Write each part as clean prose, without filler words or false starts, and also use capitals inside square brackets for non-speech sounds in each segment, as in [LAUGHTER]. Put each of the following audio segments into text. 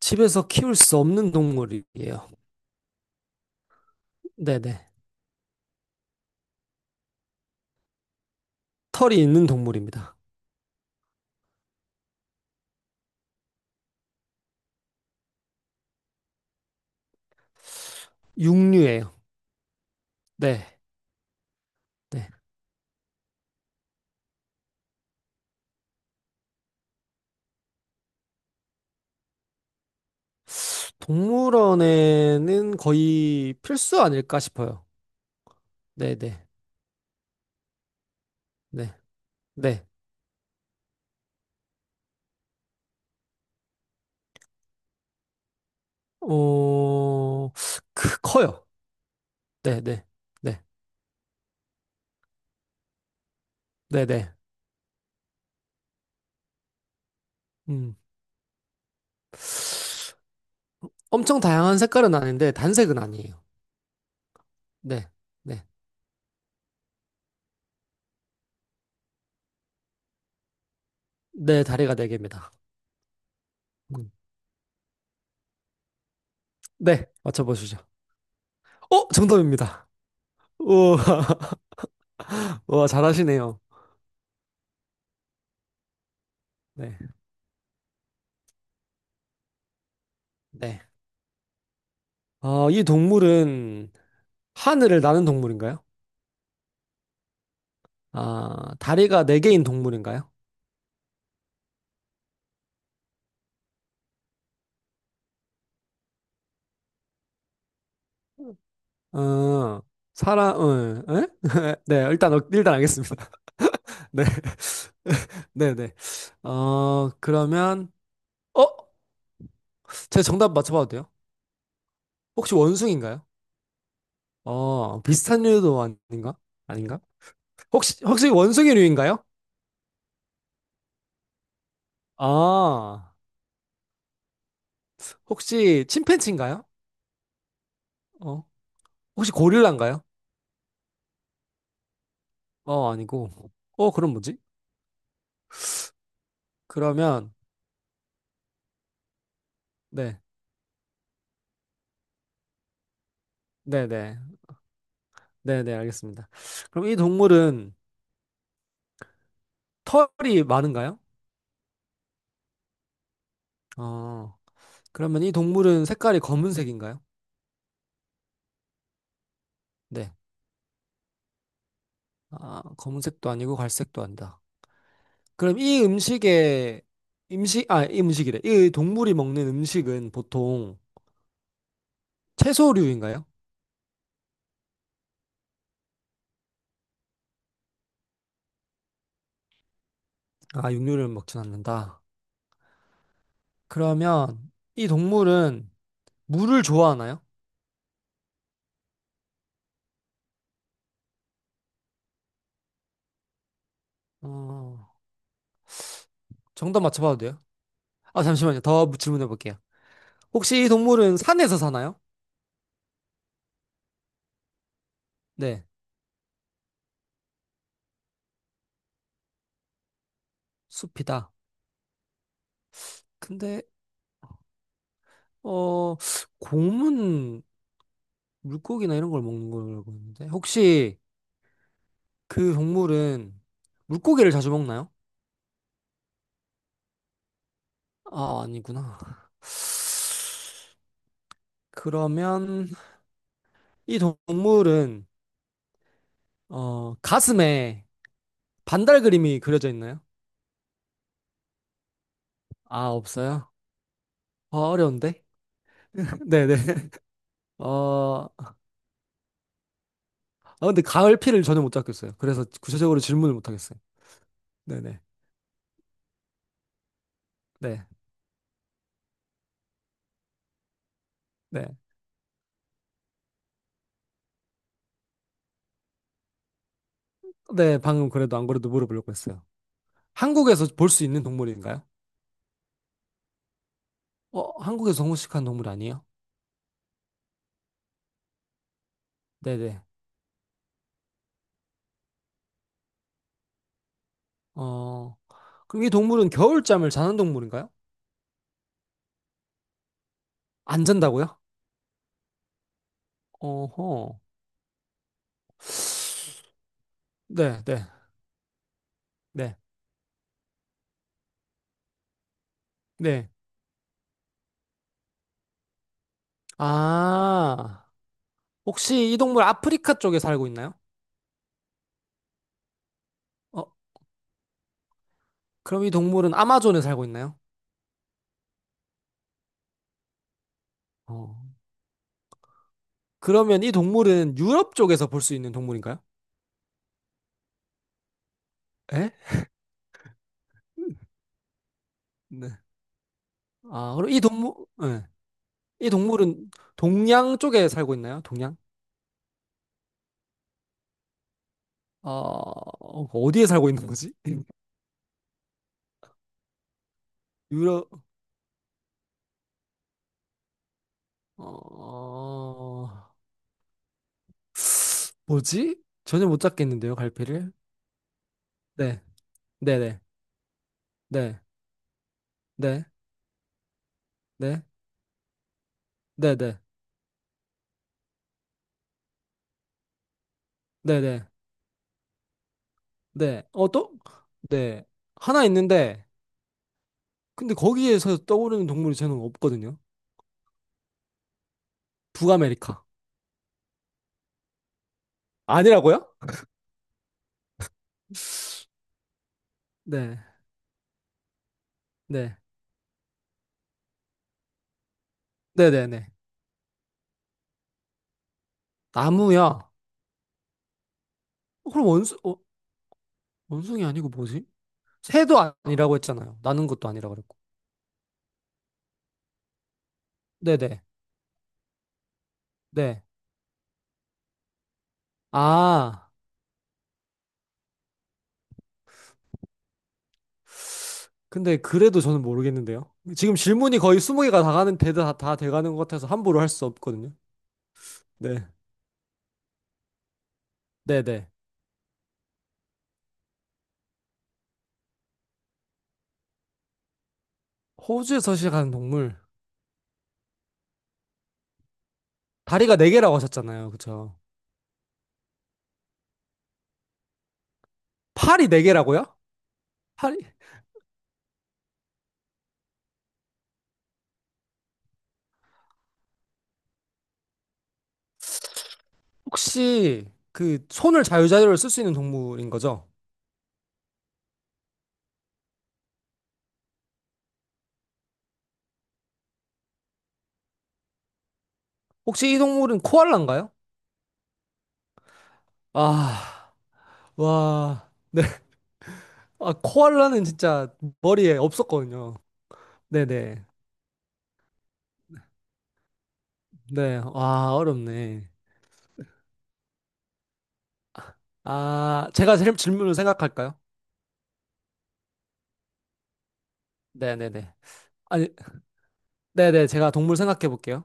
집에서 키울 수 없는 동물이에요. 네네. 털이 있는 동물입니다. 육류예요. 네. 네. 동물원에는 거의 필수 아닐까 싶어요. 네네. 네. 네. 어, 커요. 네네. 네. 네네. 음. 엄청 다양한 색깔은 아닌데, 단색은 아니에요. 네. 네. 네, 다리가 네 개입니다. 음. 네. 맞춰보시죠. 어, 정답입니다. 우와. [LAUGHS] 우와, 잘하시네요. 네. 네. 어, 이 동물은 하늘을 나는 동물인가요? 아, 다리가 네 개인 동물인가요? 어, 사람, 어, 에? [LAUGHS] 네, 일단, 어, 일단 알겠습니다. [LAUGHS] 네, 네, 네. 어, 그러면, 어? 제가 정답 맞춰봐도 돼요? 혹시 원숭이인가요? 어, 비슷한 류도 아닌가? 아닌가? 혹시 원숭이류인가요? 아, 혹시 침팬지인가요? 어, 혹시 고릴라인가요? 어, 아니고. 어, 그럼 뭐지? 그러면, 네, 네네. 네네, 알겠습니다. 그럼 이 동물은 털이 많은가요? 어, 그러면 이 동물은 색깔이 검은색인가요? 네. 아, 검은색도 아니고 갈색도 아니다. 그럼 이 음식에, 음식, 아, 이 음식이래. 이 동물이 먹는 음식은 보통 채소류인가요? 아, 육류를 먹진 않는다. 그러면 이 동물은 물을 좋아하나요? 어, 정답 맞춰봐도 돼요? 아, 잠시만요. 더 질문해 볼게요. 혹시 이 동물은 산에서 사나요? 네. 숲이다. 근데 어, 곰은 물고기나 이런 걸 먹는 걸로 보는데 혹시 그 동물은 물고기를 자주 먹나요? 아, 아니구나. 그러면 이 동물은 어, 가슴에 반달 그림이 그려져 있나요? 아, 없어요? 아, 어려운데? [LAUGHS] 네네. 어, 아, 근데 가을피를 전혀 못 잡겠어요. 그래서 구체적으로 질문을 못 하겠어요. 네네. 네. 네. 네, 방금 그래도 안 그래도 물어보려고 했어요. 한국에서 볼 수 있는 동물인가요? 어, 한국에서 동물식한 동물 아니에요? 네네. 어, 그럼 이 동물은 겨울잠을 자는 동물인가요? 안 잔다고요? 어허. 네, 네, 네, 네. 아, 혹시 이 동물 아프리카 쪽에 살고 있나요? 어, 그럼 이 동물은 아마존에 살고 있나요? 어, 그러면 이 동물은 유럽 쪽에서 볼 수 있는 동물인가요? 에? 네. 아, 그럼 이 동물, 네. 이 동물은 동양 쪽에 살고 있나요? 동양? 어, 어디에 살고 있는 거지? 유럽, 어, 뭐지? 전혀 못 잡겠는데요, 갈피를? 네, 네네, 네, 네, 네, 네네, 네네, 네. 네, 네, 네. 어, 또? 네. 하나 있는데, 근데 거기에서 떠오르는 동물이 저는 없거든요. 북아메리카. 아니라고요? 네, 네, 네네네. 나무야. 어, 그럼 원숭, 어, 원숭이 아니고 뭐지? 새도 아니라고 했잖아요. 나는 것도 아니라고 그랬고. 네네, 네. 네. 아. 근데 그래도 저는 모르겠는데요. 지금 질문이 거의 20개가 다 가는, 대, 다, 다 돼가는 것 같아서 함부로 할 수 없거든요. 네. 네네. 호주에서 시작하는 동물. 다리가 4개라고 하셨잖아요. 그쵸? 팔이 4개라고요? 팔이. 혹시 그 손을 자유자유로 쓸 수 있는 동물인 거죠? 혹시 이 동물은 코알라인가요? 아, 와. 네. 아, 코알라는 진짜 머리에 없었거든요. 네네. 네. 와, 어렵네. 아, 제가 질문을 생각할까요? 네네네. 아니, 네네, 제가 동물 생각해 볼게요.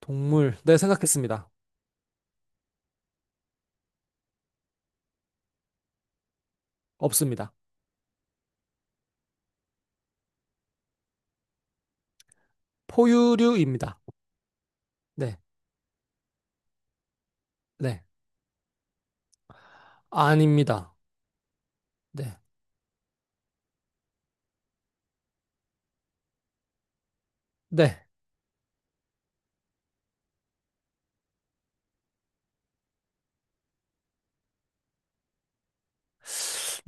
동물, 네, 생각했습니다. 없습니다. 포유류입니다. 네, 네. 아닙니다. 네, 네.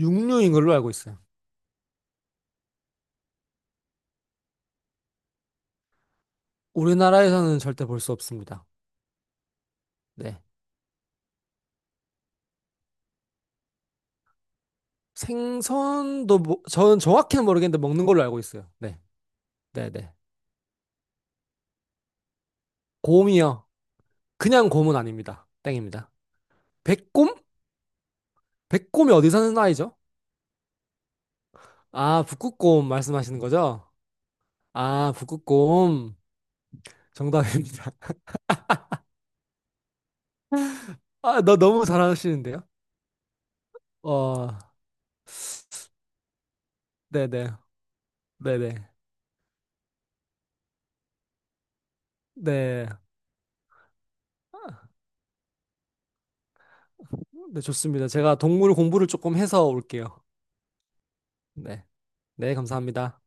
육류인 걸로 알고 있어요. 우리나라에서는 절대 볼 수 없습니다. 네. 생선도, 뭐, 저는 정확히는 모르겠는데 먹는 걸로 알고 있어요. 네, 네네. 곰이요. 그냥 곰은 아닙니다. 땡입니다. 백곰? 백곰이 어디 사는 아이죠? 아, 북극곰 말씀하시는 거죠? 아, 북극곰. 정답입니다. [LAUGHS] 아, 너 너무 잘하시는데요? 어, 네네, 네네, 네. 아, 네, 좋습니다. 제가 동물 공부를 조금 해서 올게요. 네. 네, 감사합니다.